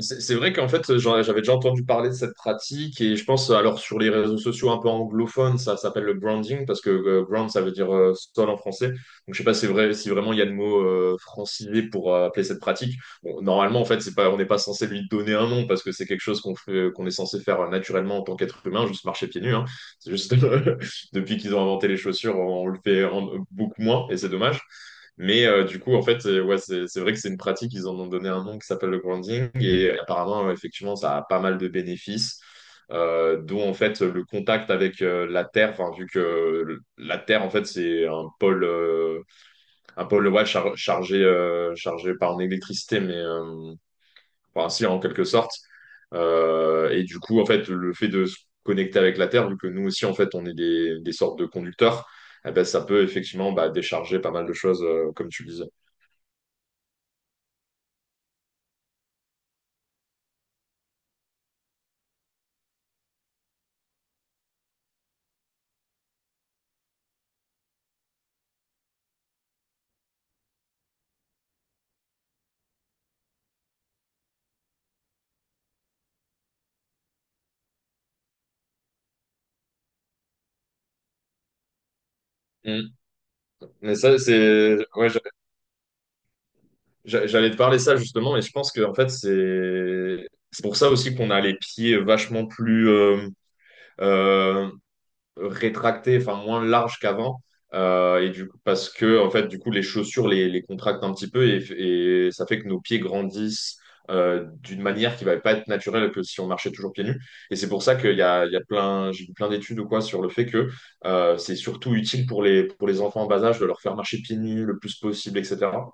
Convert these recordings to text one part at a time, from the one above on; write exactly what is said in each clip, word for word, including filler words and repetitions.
C'est c'est vrai qu'en fait, j'en- j'avais déjà entendu parler de cette pratique, et je pense, alors sur les réseaux sociaux un peu anglophones, ça s'appelle le branding parce que euh, ground, ça veut dire euh, sol en français. Donc je sais pas si, vrai, si vraiment il y a le mot euh, francisé pour euh, appeler cette pratique. Bon, normalement, en fait, c'est pas, on n'est pas censé lui donner un nom parce que c'est quelque chose qu'on fait, qu'on est censé faire euh, naturellement en tant qu'être humain, juste marcher pieds nus, hein. C'est juste depuis qu'ils ont inventé les chaussures, on le fait en- beaucoup moins, et c'est dommage. Mais euh, du coup, en fait, euh, ouais, c'est c'est vrai que c'est une pratique, ils en ont donné un nom qui s'appelle le grounding, et euh, apparemment, euh, effectivement, ça a pas mal de bénéfices, euh, dont en fait le contact avec euh, la Terre, enfin, vu que euh, la Terre, en fait, c'est un pôle, euh, un pôle, ouais, char- chargé, euh, chargé par une électricité, mais euh, enfin, si, en quelque sorte. Euh, et du coup, en fait, le fait de se connecter avec la Terre, vu que nous aussi, en fait, on est des, des sortes de conducteurs, eh ben, ça peut effectivement, bah, décharger pas mal de choses, euh, comme tu le disais. Mm. Mais ça, c'est... Ouais, j'a- j'a- j'allais te parler ça justement, mais je pense que en fait, c'est... C'est pour ça aussi qu'on a les pieds vachement plus euh, euh, rétractée, enfin moins large qu'avant. Euh, et du coup, parce que en fait, du coup, les chaussures les, les contractent un petit peu, et, et ça fait que nos pieds grandissent euh, d'une manière qui va pas être naturelle que si on marchait toujours pieds nus. Et c'est pour ça qu'il y a, il y a plein, j'ai vu plein d'études ou quoi sur le fait que euh, c'est surtout utile pour les, pour les enfants en bas âge de leur faire marcher pieds nus le plus possible, et cetera.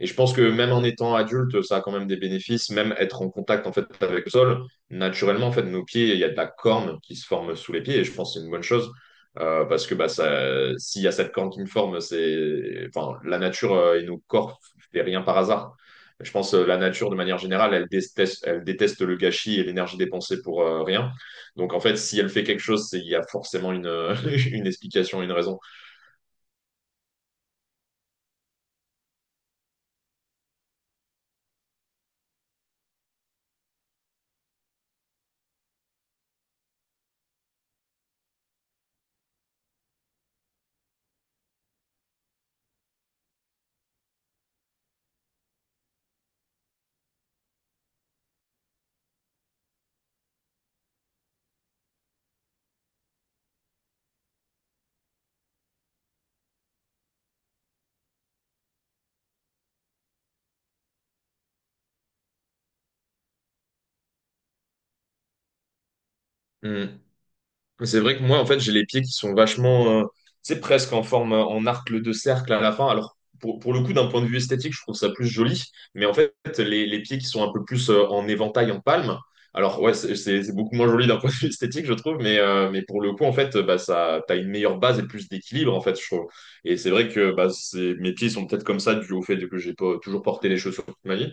Et je pense que même en étant adulte, ça a quand même des bénéfices, même être en contact en fait avec le sol. Naturellement, en fait, nos pieds, il y a de la corne qui se forme sous les pieds, et je pense que c'est une bonne chose, euh, parce que bah, ça, s'il y a cette corne qui me forme, c'est, enfin, la nature euh, et nos corps fait rien par hasard. Je pense que la nature, de manière générale, elle déteste, elle déteste le gâchis et l'énergie dépensée pour euh, rien. Donc, en fait, si elle fait quelque chose, c'est- il y a forcément une, une explication, une raison. Hmm. C'est vrai que moi, en fait, j'ai les pieds qui sont vachement, euh, tu sais, presque en forme, euh, en arc de cercle à la fin. Alors, pour, pour le coup, d'un point de vue esthétique, je trouve ça plus joli. Mais en fait, les, les pieds qui sont un peu plus euh, en éventail, en palme. Alors, ouais, c'est c'est- c'est beaucoup moins joli d'un point de vue esthétique, je trouve. Mais, euh, mais pour le coup, en fait, euh, bah, ça, t'as une meilleure base et plus d'équilibre, en fait, je trouve. Et c'est vrai que bah, c'est, mes pieds sont peut-être comme ça dû au fait que j'ai pas toujours porté les chaussures toute ma vie.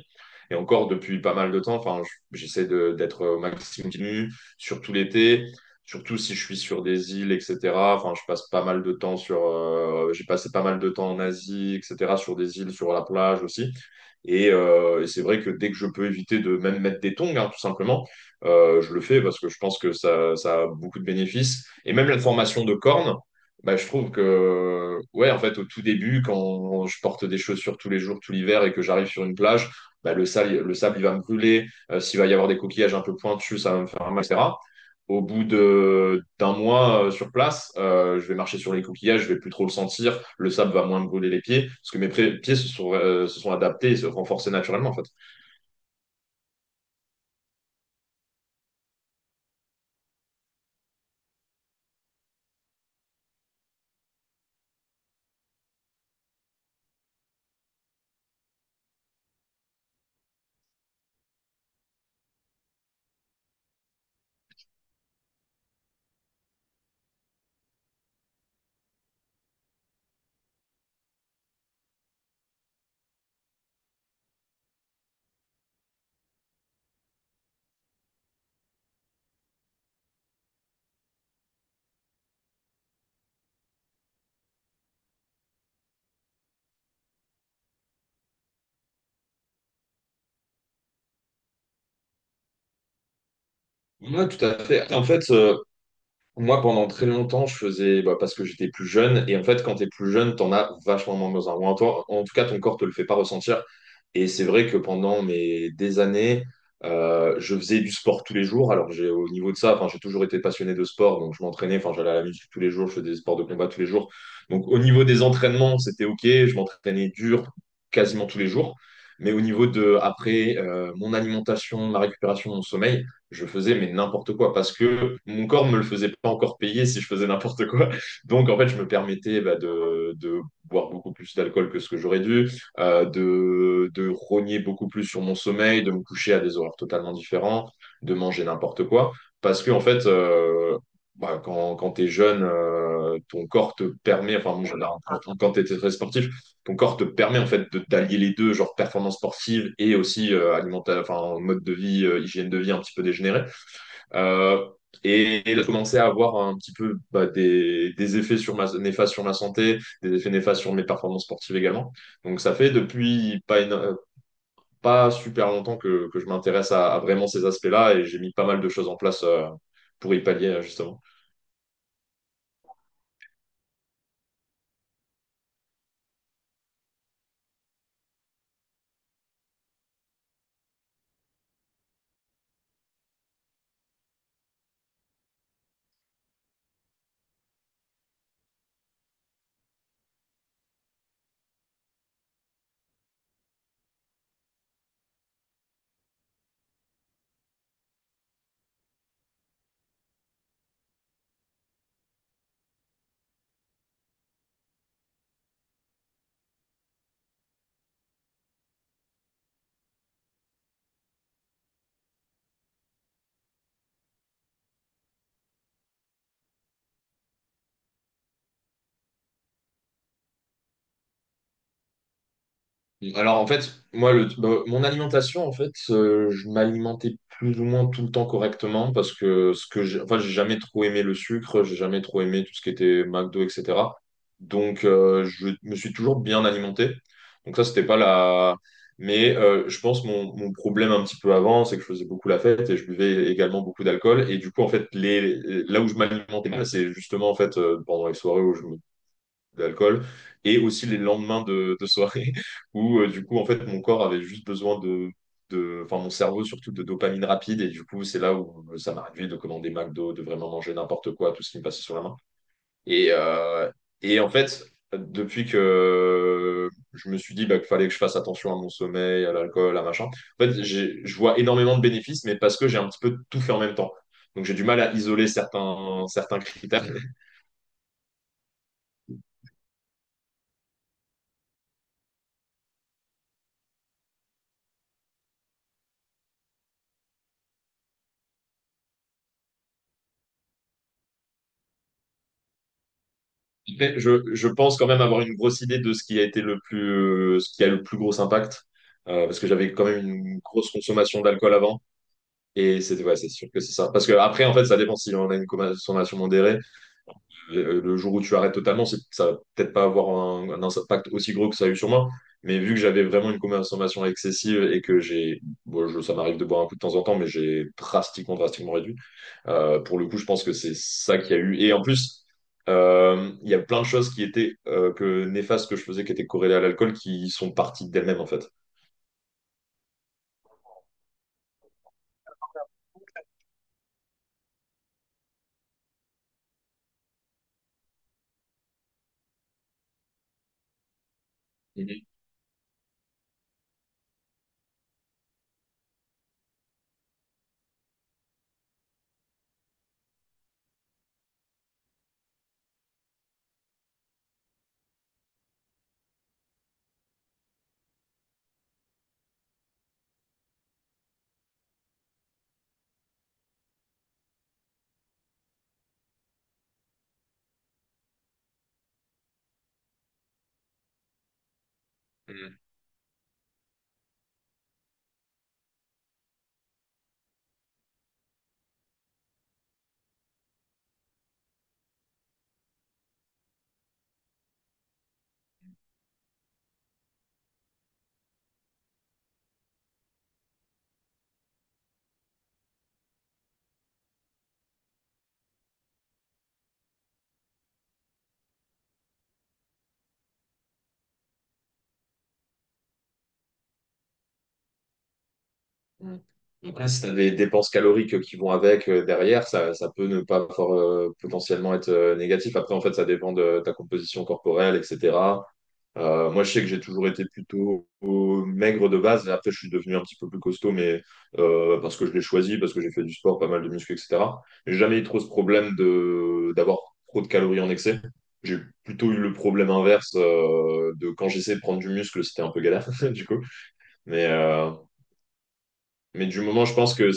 Et encore depuis pas mal de temps, enfin, j- j'essaie de- d'être au maximum continu, surtout l'été, surtout si je suis sur des îles, et cetera. Enfin, je passe pas mal de temps sur, euh, j'ai passé pas mal de temps en Asie, et cetera. Sur des îles, sur la plage aussi. Et, euh, et c'est vrai que dès que je peux éviter de même mettre des tongs, hein, tout simplement, euh, je le fais parce que je pense que ça, ça a beaucoup de bénéfices. Et même la formation de cornes, bah, je trouve que, ouais, en fait, au tout début, quand je porte des chaussures tous les jours, tout l'hiver, et que j'arrive sur une plage, bah, le sable, le sable, il va me brûler. Euh, s'il va y avoir des coquillages un peu pointus, ça va me faire mal, et cetera. Au bout de d'un mois euh, sur place, euh, je vais marcher sur les coquillages, je vais plus trop le sentir, le sable va moins me brûler les pieds, parce que mes pré- pieds se sont, euh, se sont adaptés et se renforcés naturellement en fait. Ouais, tout à fait. En fait, euh, Moi, pendant très longtemps, je faisais bah, parce que j'étais plus jeune. Et en fait, quand t'es plus jeune, t'en as vachement moins besoin. Ou en, toi- en tout cas, ton corps te le fait pas ressentir. Et c'est vrai que pendant mes des années, euh, je faisais du sport tous les jours. Alors, j'ai au niveau de ça, enfin, j'ai toujours été passionné de sport, donc je m'entraînais. Enfin, j'allais à la musique tous les jours, je faisais des sports de combat tous les jours. Donc, au niveau des entraînements, c'était ok. Je m'entraînais dur quasiment tous les jours. Mais au niveau de après, euh, mon alimentation, ma récupération, mon sommeil, je faisais mais n'importe quoi parce que mon corps me le faisait pas encore payer si je faisais n'importe quoi. Donc en fait, je me permettais bah, de, de boire beaucoup plus d'alcool que ce que j'aurais dû, euh, de, de rogner beaucoup plus sur mon sommeil, de me coucher à des horaires totalement différents, de manger n'importe quoi, parce que en fait, euh, bah, quand, quand tu es jeune, euh, ton corps te permet, enfin bon, je- quand tu es très sportif, ton corps te permet en fait de d'allier les deux, genre performance sportive et aussi euh, alimentaire, enfin mode de vie, euh, hygiène de vie un petit peu dégénérée. Euh, et, et de commencer à avoir un petit peu bah, des, des effets sur ma, néfastes sur ma santé, des effets néfastes sur mes performances sportives également. Donc ça fait depuis pas, éno- euh, pas super longtemps que, que je m'intéresse à, à vraiment ces aspects-là, et j'ai mis pas mal de choses en place euh, pour y pallier euh, justement. Alors en fait, moi, le, bah, mon alimentation, en fait, euh, je m'alimentais plus ou moins tout le temps correctement parce que ce que j'ai, enfin, j'ai jamais trop aimé le sucre, j'ai jamais trop aimé tout ce qui était McDo, et cetera. Donc euh, je me suis toujours bien alimenté. Donc ça, c'était pas la... Mais euh, je pense mon, mon problème un petit peu avant, c'est que je faisais beaucoup la fête et je buvais également beaucoup d'alcool. Et du coup, en fait, les, là où je m'alimentais mal, c'est justement en fait euh, pendant les soirées où je me... d'alcool, et aussi les lendemains de, de soirée, où euh, du coup en fait mon corps avait juste besoin de de enfin mon cerveau surtout de dopamine rapide, et du coup c'est là où euh, ça m'a de commander McDo, de vraiment manger n'importe quoi, tout ce qui me passait sur la main, et euh, et en fait depuis que je me suis dit bah, qu'il fallait que je fasse attention à mon sommeil, à l'alcool, à machin, en fait j'ai- je vois énormément de bénéfices, mais parce que j'ai un petit peu tout fait en même temps, donc j'ai du mal à isoler certains certains critères. Après, Je, je pense quand même avoir une grosse idée de ce qui a été le plus, euh, ce qui a le plus gros impact, euh, parce que j'avais quand même une grosse consommation d'alcool avant, et c'est ouais, c'est sûr que c'est ça. Parce que après, en fait, ça dépend si on a une consommation modérée. euh, Le jour où tu arrêtes totalement, c'est- ça va peut-être pas avoir un, un impact aussi gros que ça a eu sur moi. Mais vu que j'avais vraiment une consommation excessive et que j'ai, bon, je- ça m'arrive de boire un coup de temps en temps, mais j'ai drastiquement, drastiquement réduit. Euh, pour le coup, je pense que c'est ça qu'il y a eu. Et en plus, euh, il y a plein de choses qui étaient euh, que néfastes que je faisais, qui étaient corrélées à l'alcool, qui sont parties d'elles-mêmes, en fait. Mhm. Mhm. Mm. Après, si tu as des dépenses caloriques qui vont avec euh, derrière, ça, ça peut ne pas fort, euh, potentiellement être euh, négatif. Après, en fait, ça dépend de ta composition corporelle, et cetera. Euh, moi, je sais que j'ai toujours été plutôt euh, maigre de base. Après, je suis devenu un petit peu plus costaud, mais euh, parce que je l'ai choisi, parce que j'ai fait du sport, pas mal de muscu, et cetera. J'ai jamais eu trop ce problème de d'avoir trop de calories en excès. J'ai plutôt eu le problème inverse, euh, de quand j'essayais de prendre du muscle, c'était un peu galère, du coup. Mais, euh, mais du moment, je pense que...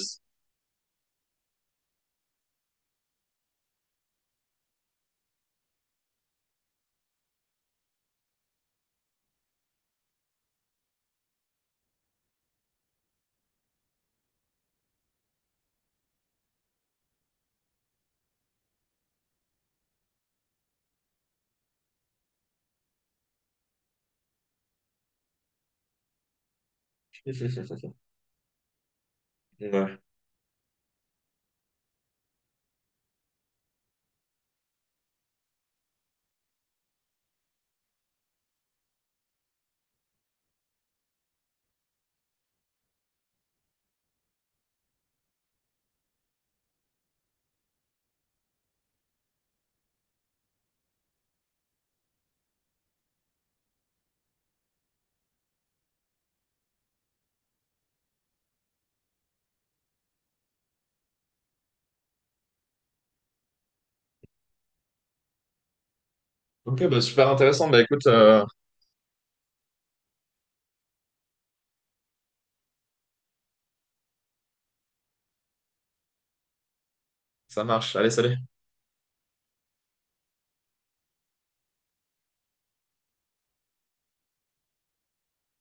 Ouais. Ok, bah, super intéressant. Bah écoute, euh, ça marche. Allez, salut.